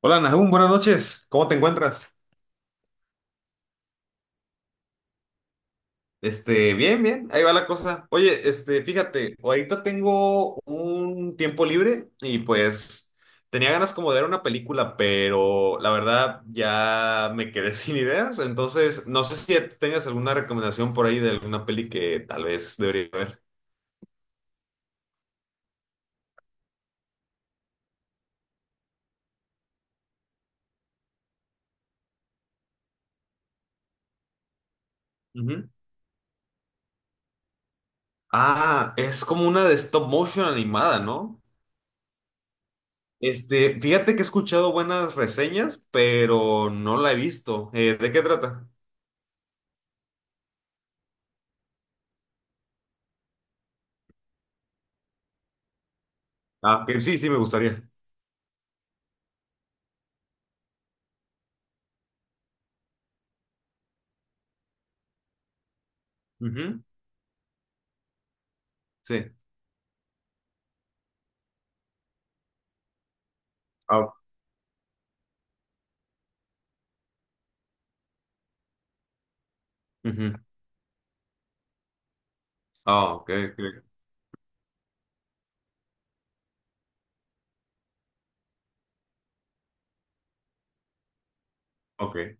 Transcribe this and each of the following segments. Hola Nahum, buenas noches. ¿Cómo te encuentras? Bien, bien, ahí va la cosa. Oye, fíjate, ahorita tengo un tiempo libre y pues tenía ganas como de ver una película, pero la verdad ya me quedé sin ideas, entonces no sé si tengas alguna recomendación por ahí de alguna peli que tal vez debería ver. Ujú. Ah, es como una de stop motion animada, ¿no? Fíjate que he escuchado buenas reseñas, pero no la he visto. ¿De qué trata? Ah, que sí, sí, me gustaría. Ujú. Sí. Ah, ujú. Ah, ok, ok. Ok.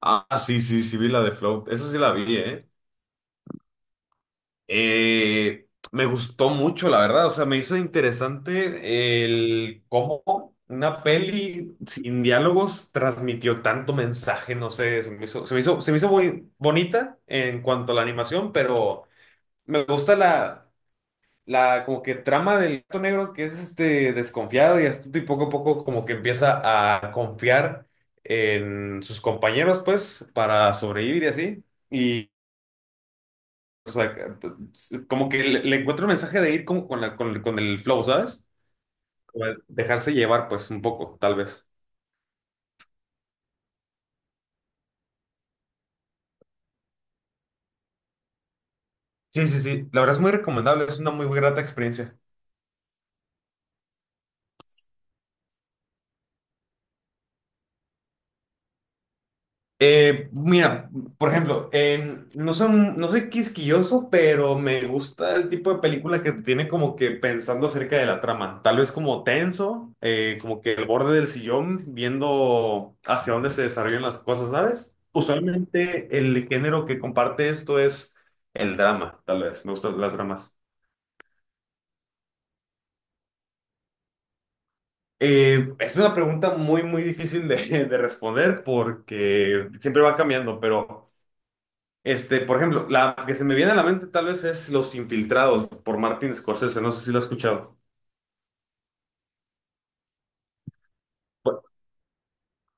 Ah, sí, sí, sí, vi la de Float. Esa sí la vi, ¿eh? Eh, me gustó mucho, la verdad. O sea, me hizo interesante el cómo una peli sin diálogos transmitió tanto mensaje. No sé, se me hizo muy bonita en cuanto a la animación, pero me gusta la. La como que trama del gato negro que es este desconfiado y astuto y poco a poco como que empieza a confiar en sus compañeros pues para sobrevivir y así, y, o sea, como que le encuentro un mensaje de ir como con el flow, ¿sabes? Como de dejarse llevar pues un poco, tal vez. Sí, sí, sí. La verdad es muy recomendable, es una muy grata experiencia. Mira, por ejemplo, no soy quisquilloso, pero me gusta el tipo de película que te tiene como que pensando acerca de la trama. Tal vez como tenso, como que el borde del sillón, viendo hacia dónde se desarrollan las cosas, ¿sabes? Usualmente el género que comparte esto es el drama, tal vez. Me gustan las dramas. Es una pregunta muy, muy difícil de responder porque siempre va cambiando, pero. Por ejemplo, la que se me viene a la mente tal vez es Los Infiltrados por Martin Scorsese, no sé si lo has escuchado. Bu-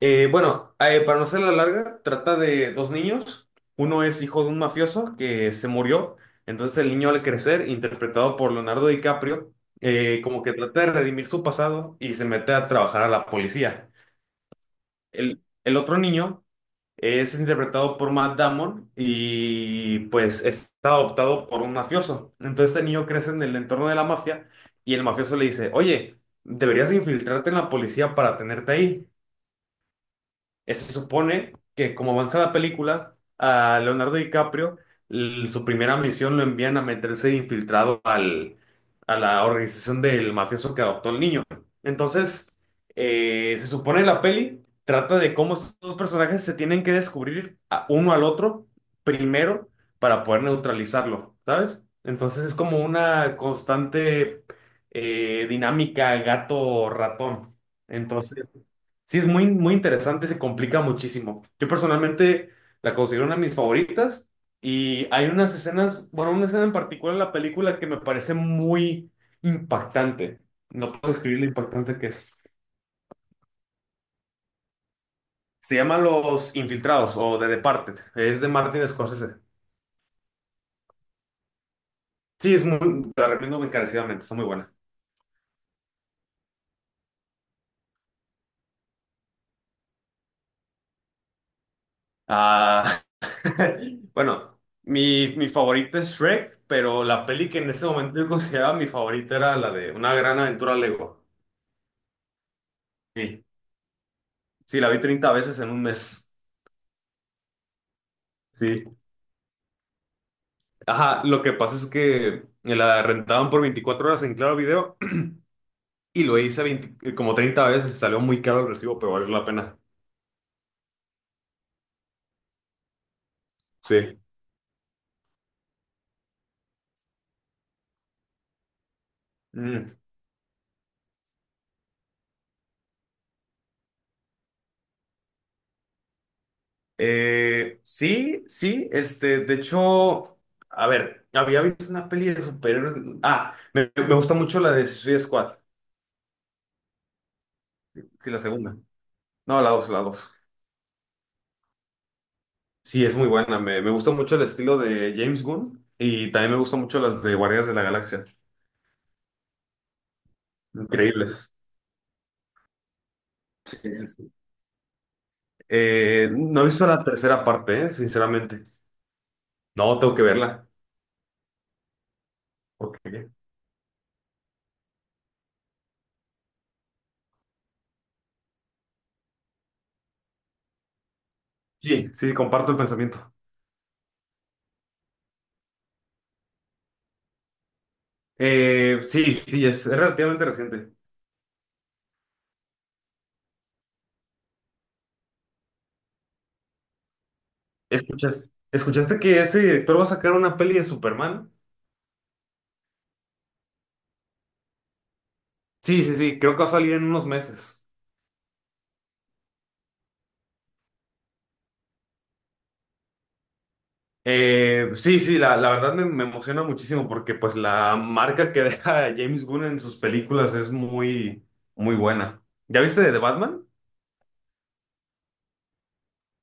bueno, para no ser larga, trata de dos niños. Uno es hijo de un mafioso que se murió, entonces el niño al crecer, interpretado por Leonardo DiCaprio, como que trata de redimir su pasado y se mete a trabajar a la policía. El otro niño. Es interpretado por Matt Damon y pues está adoptado por un mafioso. Entonces el niño crece en el entorno de la mafia y el mafioso le dice, oye, deberías infiltrarte en la policía para tenerte ahí. Se supone que como avanza la película, a Leonardo DiCaprio, su primera misión lo envían a meterse infiltrado a la organización del mafioso que adoptó al niño. Entonces, se supone la peli trata de cómo estos dos personajes se tienen que descubrir uno al otro primero para poder neutralizarlo, ¿sabes? Entonces es como una constante dinámica gato-ratón. Entonces. Sí, es muy, muy interesante, se complica muchísimo. Yo personalmente la considero una de mis favoritas y hay unas escenas, bueno, una escena en particular en la película que me parece muy impactante. No puedo describir lo impactante que es. Se llama Los Infiltrados o The Departed. Es de Martin Scorsese. Sí, es muy, te la recomiendo encarecidamente, está muy buena. Ah, bueno, mi favorita es Shrek, pero la peli que en ese momento yo consideraba mi favorita era la de Una gran aventura Lego. Sí, la vi 30 veces en un mes. Sí. Ajá, lo que pasa es que me la rentaban por 24 horas en Claro Video y lo hice 20 como 30 veces y salió muy caro el recibo, pero valió la pena. Sí. Mm. Sí, sí, de hecho, a ver, había visto una peli de superhéroes. Ah, me gusta mucho la de Suicide Squad. Sí, la segunda. No, la dos, la dos. Sí, es muy buena. Me gusta mucho el estilo de James Gunn y también me gustan mucho las de Guardianes de la Galaxia. Increíbles. Sí, sí, sí. No he visto la tercera parte, sinceramente. No, tengo que verla. Porque. Sí, sí, comparto el pensamiento. Sí, sí, es relativamente reciente. ¿Escuchaste que ese director va a sacar una peli de Superman? Sí, sí, sí, creo que va a salir en unos meses. Sí, sí, la verdad me emociona muchísimo porque pues la marca que deja James Gunn en sus películas es muy, muy buena. ¿Ya viste de Batman?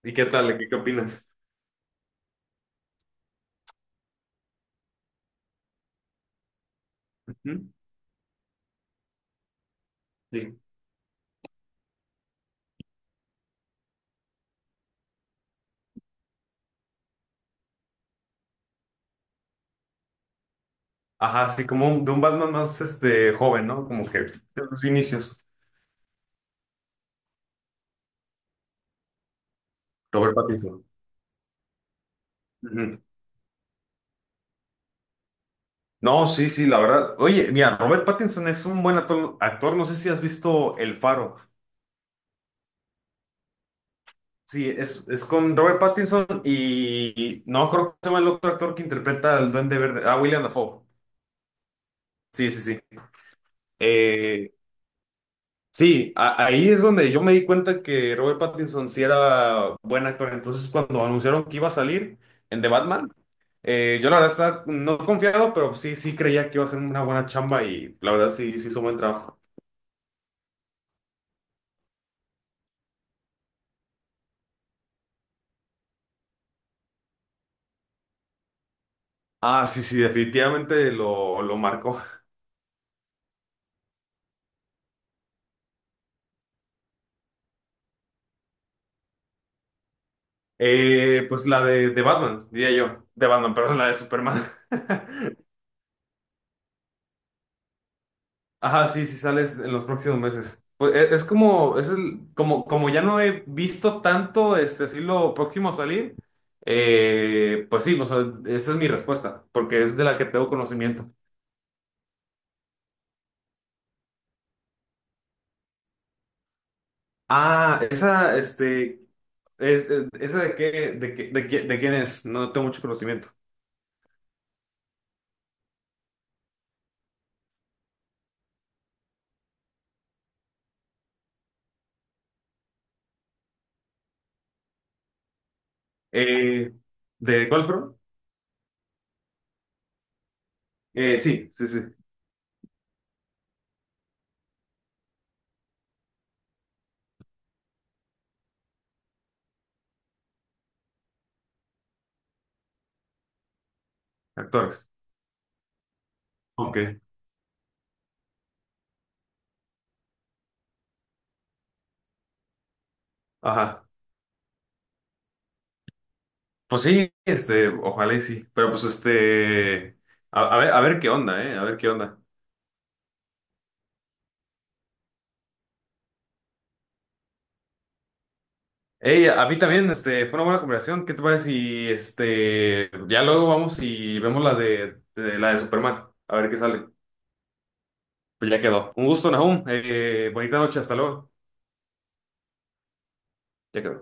¿Y qué tal? ¿Qué opinas? Ujú. Sí. Ajá, así como de un Batman más, joven, ¿no? Como que de los inicios. Robert Pattinson. Ujú. No, sí, sí, la verdad. Oye, mira, Robert Pattinson es un buen actor, actor. No sé si has visto El Faro. Sí, es con Robert Pattinson y no creo que se llama el otro actor que interpreta al Duende Verde. Ah, William Dafoe. Sí, sí, sí. Eh, Sí, ahí es donde yo me di cuenta que Robert Pattinson sí era buen actor. Entonces, cuando anunciaron que iba a salir en The Batman, yo la verdad estaba no confiado, pero sí, sí creía que iba a ser una buena chamba y la verdad sí, sí hizo buen trabajo. Ah, sí, sí, definitivamente lo marcó. Pues la de Batman, diría yo. De Batman, perdón, la de Superman. Ajá, sí, sí sales en los próximos meses. Pues es, como, como ya no he visto tanto así lo próximo a salir, pues sí, o sea, esa es mi respuesta, porque es de la que tengo conocimiento. Ah, esa, este, es- esa de quién es, no tengo mucho conocimiento. Eh, ¿de cuál fueron? Sí, sí, sí, actores. Ok, ajá. Pues sí, ojalá y sí, pero pues a ver, a ver qué onda, a ver qué onda. Hey, a mí también, fue una buena conversación. ¿Qué te parece si, ya luego vamos y vemos la de Superman, a ver qué sale? Pues ya quedó. Un gusto, Nahum. Bonita noche, hasta luego. Ya quedó.